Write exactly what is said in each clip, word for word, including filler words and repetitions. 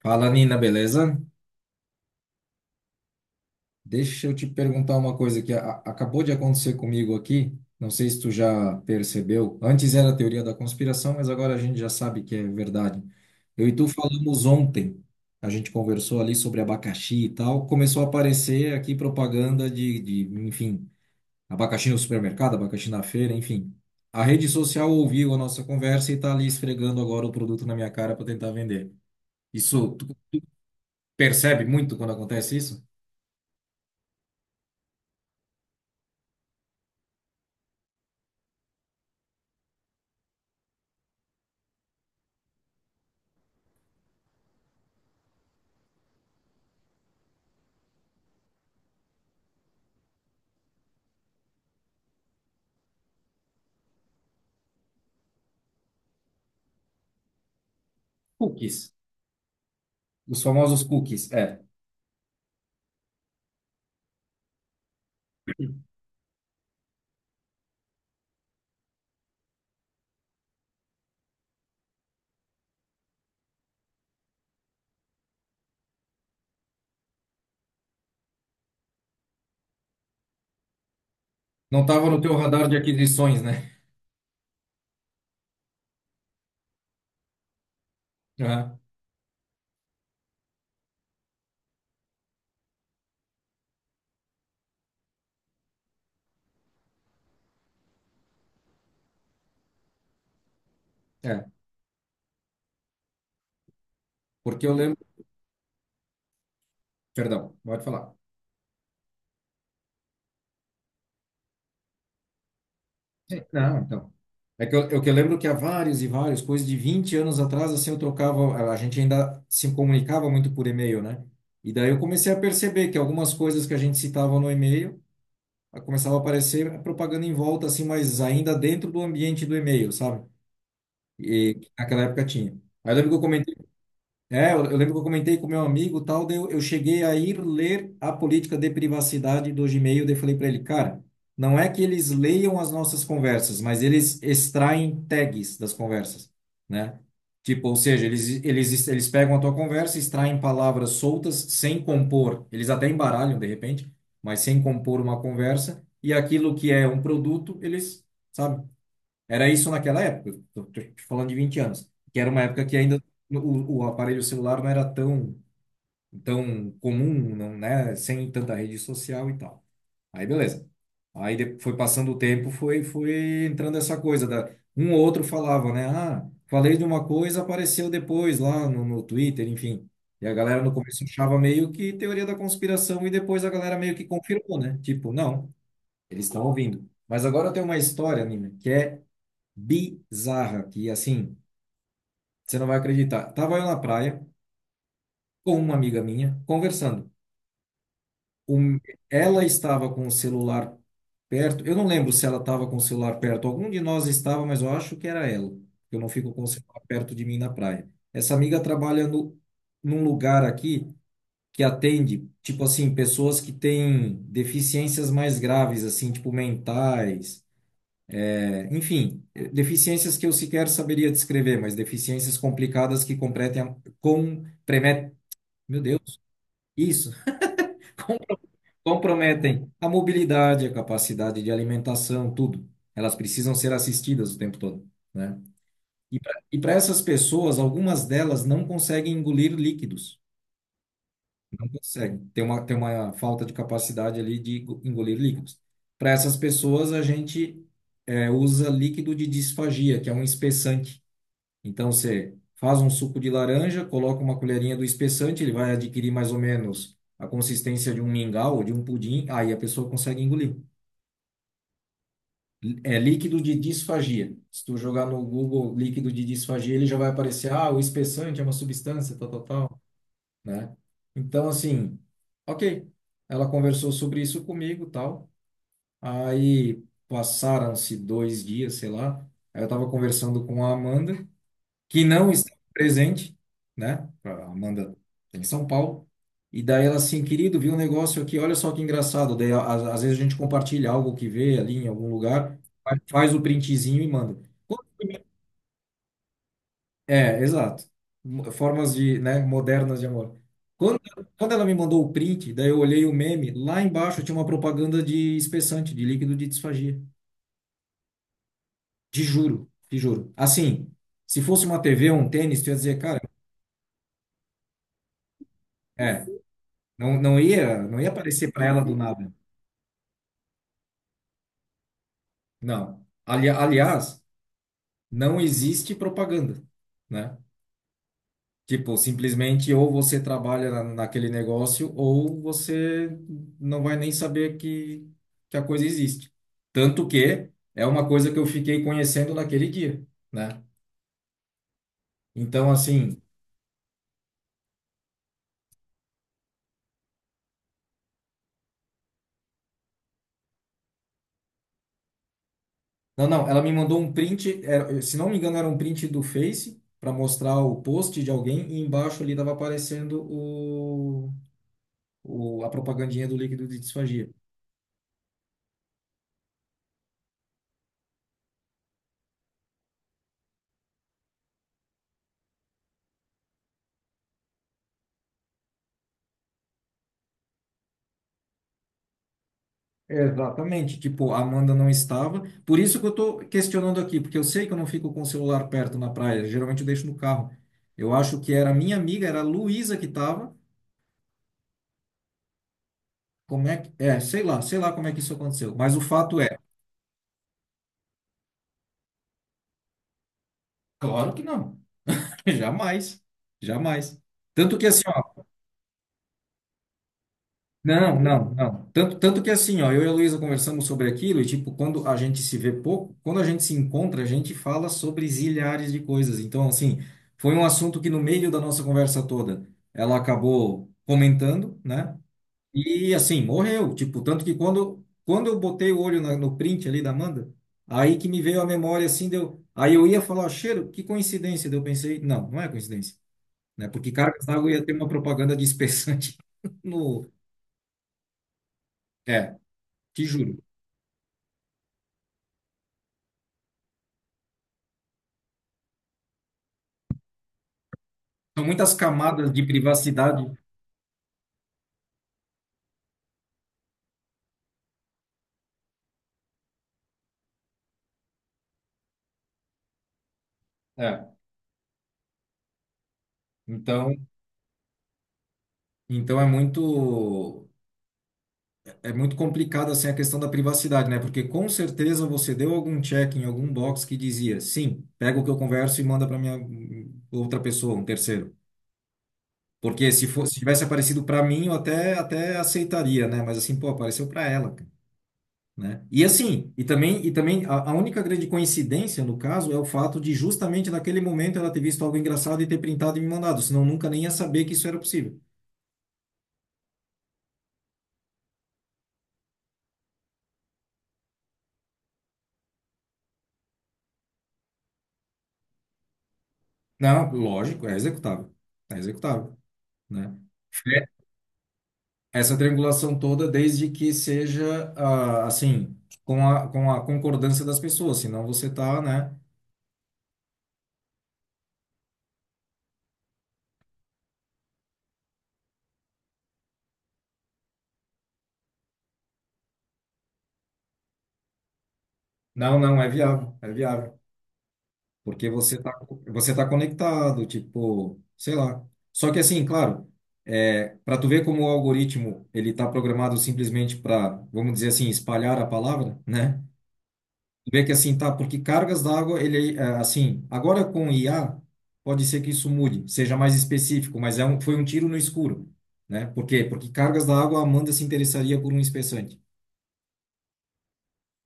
Fala, Nina, beleza? Deixa eu te perguntar uma coisa que a- acabou de acontecer comigo aqui. Não sei se tu já percebeu. Antes era a teoria da conspiração, mas agora a gente já sabe que é verdade. Eu e tu falamos ontem. A gente conversou ali sobre abacaxi e tal. Começou a aparecer aqui propaganda de, de, enfim, abacaxi no supermercado, abacaxi na feira, enfim. A rede social ouviu a nossa conversa e tá ali esfregando agora o produto na minha cara para tentar vender. Isso, tu percebe muito quando acontece isso? Cookies. Os famosos cookies, é. Não estava no teu radar de aquisições, né? Aham, é, porque eu lembro. Perdão, pode falar. É, não, então. É que eu, eu que eu lembro que há vários e vários, coisas de vinte anos atrás, assim, eu trocava. A gente ainda se comunicava muito por e-mail, né? E daí eu comecei a perceber que algumas coisas que a gente citava no e-mail a- começava a aparecer a propaganda em volta, assim, mas ainda dentro do ambiente do e-mail, sabe? E que naquela época tinha. Aí eu lembro que eu comentei. É, eu, eu lembro que eu comentei com meu amigo, tal, daí eu, eu cheguei a ir ler a política de privacidade do Gmail, daí eu falei para ele, cara, não é que eles leiam as nossas conversas, mas eles extraem tags das conversas, né? Tipo, ou seja, eles, eles, eles pegam a tua conversa, extraem palavras soltas sem compor, eles até embaralham de repente, mas sem compor uma conversa, e aquilo que é um produto, eles, sabe? Era isso naquela época, tô, tô te falando de vinte anos, que era uma época que ainda o, o aparelho celular não era tão, tão comum, não, né? Sem tanta rede social e tal. Aí beleza. Aí de- foi passando o tempo, foi, foi entrando essa coisa da um ou outro falava, né? Ah, falei de uma coisa, apareceu depois lá no, no Twitter, enfim. E a galera no começo achava meio que teoria da conspiração e depois a galera meio que confirmou, né? Tipo, não, eles estão ouvindo. Mas agora tem uma história, Nina, que é bizarra, que assim, você não vai acreditar. Tava eu na praia com uma amiga minha, conversando. Um- Ela estava com o celular perto, eu não lembro se ela estava com o celular perto, algum de nós estava, mas eu acho que era ela. Eu não fico com o celular perto de mim na praia. Essa amiga trabalha no, num lugar aqui que atende, tipo assim, pessoas que têm deficiências mais graves, assim, tipo mentais. Enfim, eh, deficiências que eu sequer saberia descrever, mas deficiências complicadas que compretem, a- com, premet meu Deus, isso, com- comprometem a mobilidade, a capacidade de alimentação, tudo. Elas precisam ser assistidas o tempo todo, né? E para e para essas pessoas, algumas delas não conseguem engolir líquidos, não conseguem. Tem uma, tem uma falta de capacidade ali de go- engolir líquidos. Para essas pessoas, a gente eh, usa líquido de disfagia, que é um espessante. Então você faz um suco de laranja, coloca uma colherinha do espessante, ele vai adquirir mais ou menos a consistência de um mingau ou de um pudim, aí a pessoa consegue engolir. É líquido de disfagia. Se tu jogar no Google líquido de disfagia, ele já vai aparecer, ah, o espessante é uma substância, tal, tal, tal, né? Então, assim, ok. Ela conversou sobre isso comigo, tal. Aí passaram-se dois dias, sei lá. Aí eu tava conversando com a Amanda, que não está presente, né? A Amanda tem em São Paulo. E daí ela assim, querido, viu um negócio aqui, olha só que engraçado. Daí, às, às vezes a gente compartilha algo que vê ali em algum lugar, fa- faz o printzinho e manda. É, exato. Mo- Formas de, né, modernas de amor. Quando, Quando ela me mandou o print, daí eu olhei o meme, lá embaixo tinha uma propaganda de espessante, de líquido de disfagia. Te juro, te juro. Assim, se fosse uma T V ou um tênis, tu ia dizer, cara, é, não, não ia, não ia aparecer para ela do nada. Não. Ali- aliás, não existe propaganda, né? Tipo, simplesmente ou você trabalha na, naquele negócio ou você não vai nem saber que, que a coisa existe. Tanto que é uma coisa que eu fiquei conhecendo naquele dia, né? Então, assim, não, não, ela me mandou um print, era- se não me engano, era um print do Face para mostrar o post de alguém e embaixo ali estava aparecendo o, a propagandinha do líquido de disfagia. Exatamente. Tipo, a Amanda não estava. Por isso que eu tô questionando aqui, porque eu sei que eu não fico com o celular perto na praia. Geralmente eu deixo no carro. Eu acho que era a minha amiga, era a Luísa que estava. Como é que. É, sei lá, sei lá como é que isso aconteceu. Mas o fato é, claro que não. Jamais. Jamais. Tanto que assim. Não, não, não. Tanto, tanto que assim, ó, eu e a Luísa conversamos sobre aquilo e, tipo, quando a gente se vê pouco, quando a gente se encontra, a gente fala sobre zilhares de coisas. Então, assim, foi um assunto que no meio da nossa conversa toda ela acabou comentando, né? E, assim, morreu. Tipo, tanto que quando, quando eu botei o olho na- no print ali da Amanda, aí que me veio a memória, assim, deu. Aí eu ia falar, cheiro, que coincidência. Daí eu pensei, não, não é coincidência, né? Porque cargas d'água ia ter uma propaganda de espessante. No. É, te juro. São muitas camadas de privacidade. É. Então, então é muito, é muito complicado assim a questão da privacidade, né? Porque com certeza você deu algum check em algum box que dizia, sim, pega o que eu converso e manda para minha hum, outra pessoa, um terceiro. Porque se fosse, se tivesse aparecido para mim, eu até até aceitaria, né? Mas assim, pô, apareceu para ela, cara. Né? E assim, e também, e também a, a única grande coincidência no caso é o fato de justamente naquele momento ela ter visto algo engraçado e ter printado e me mandado, senão nunca nem ia saber que isso era possível. Não, lógico, é executável, é executável, né? É, essa triangulação toda, desde que seja ah, assim, com a, com a concordância das pessoas, senão você tá, né? Não, não, é viável, é viável. Porque você tá, você tá conectado, tipo, sei lá. Só que assim, claro, é, para tu ver como o algoritmo ele tá programado simplesmente para, vamos dizer assim, espalhar a palavra, né? Tu vê que assim, tá, porque cargas d'água, ele é, assim, agora com I A, pode ser que isso mude, seja mais específico, mas é um, foi um tiro no escuro, né? Por quê? Porque cargas d'água, a Amanda se interessaria por um espessante?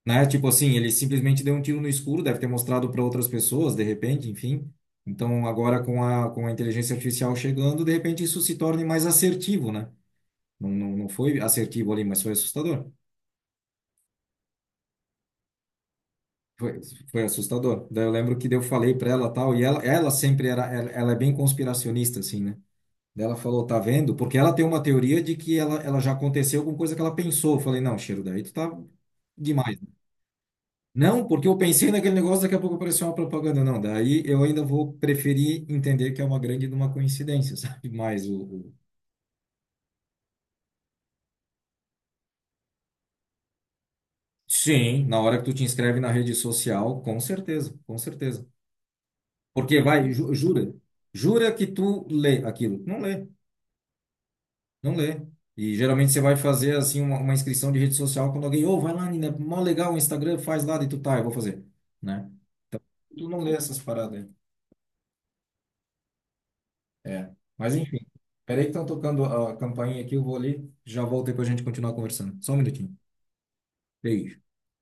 Né? Tipo assim, ele simplesmente deu um tiro no escuro, deve ter mostrado para outras pessoas, de repente, enfim. Então, agora com a, com a inteligência artificial chegando, de repente isso se torne mais assertivo, né? Não, não, não foi assertivo ali, mas foi assustador. Foi, foi assustador. Daí eu lembro que daí eu falei para ela tal, e ela, ela sempre era, ela, ela é bem conspiracionista, assim, né? Daí ela falou, tá vendo? Porque ela tem uma teoria de que ela, ela já aconteceu com coisa que ela pensou. Eu falei, não, Cheiro, daí tu tá demais. Não, porque eu pensei naquele negócio, daqui a pouco apareceu uma propaganda. Não, daí eu ainda vou preferir entender que é uma grande de uma coincidência, sabe? Mas o, o- sim. Na hora que tu te inscreve na rede social, com certeza, com certeza. Porque vai, ju- jura, jura que tu lê aquilo. Não lê, não lê. E geralmente você vai fazer assim uma, uma inscrição de rede social quando alguém, ô, vai lá, Nina, mó legal o Instagram, faz lá, e tu tá, eu vou fazer, né? Tu não lê essas paradas aí. É. Mas enfim, peraí que estão tocando a campainha aqui, eu vou ali, já volto e depois a gente continuar conversando. Só um minutinho. Beijo.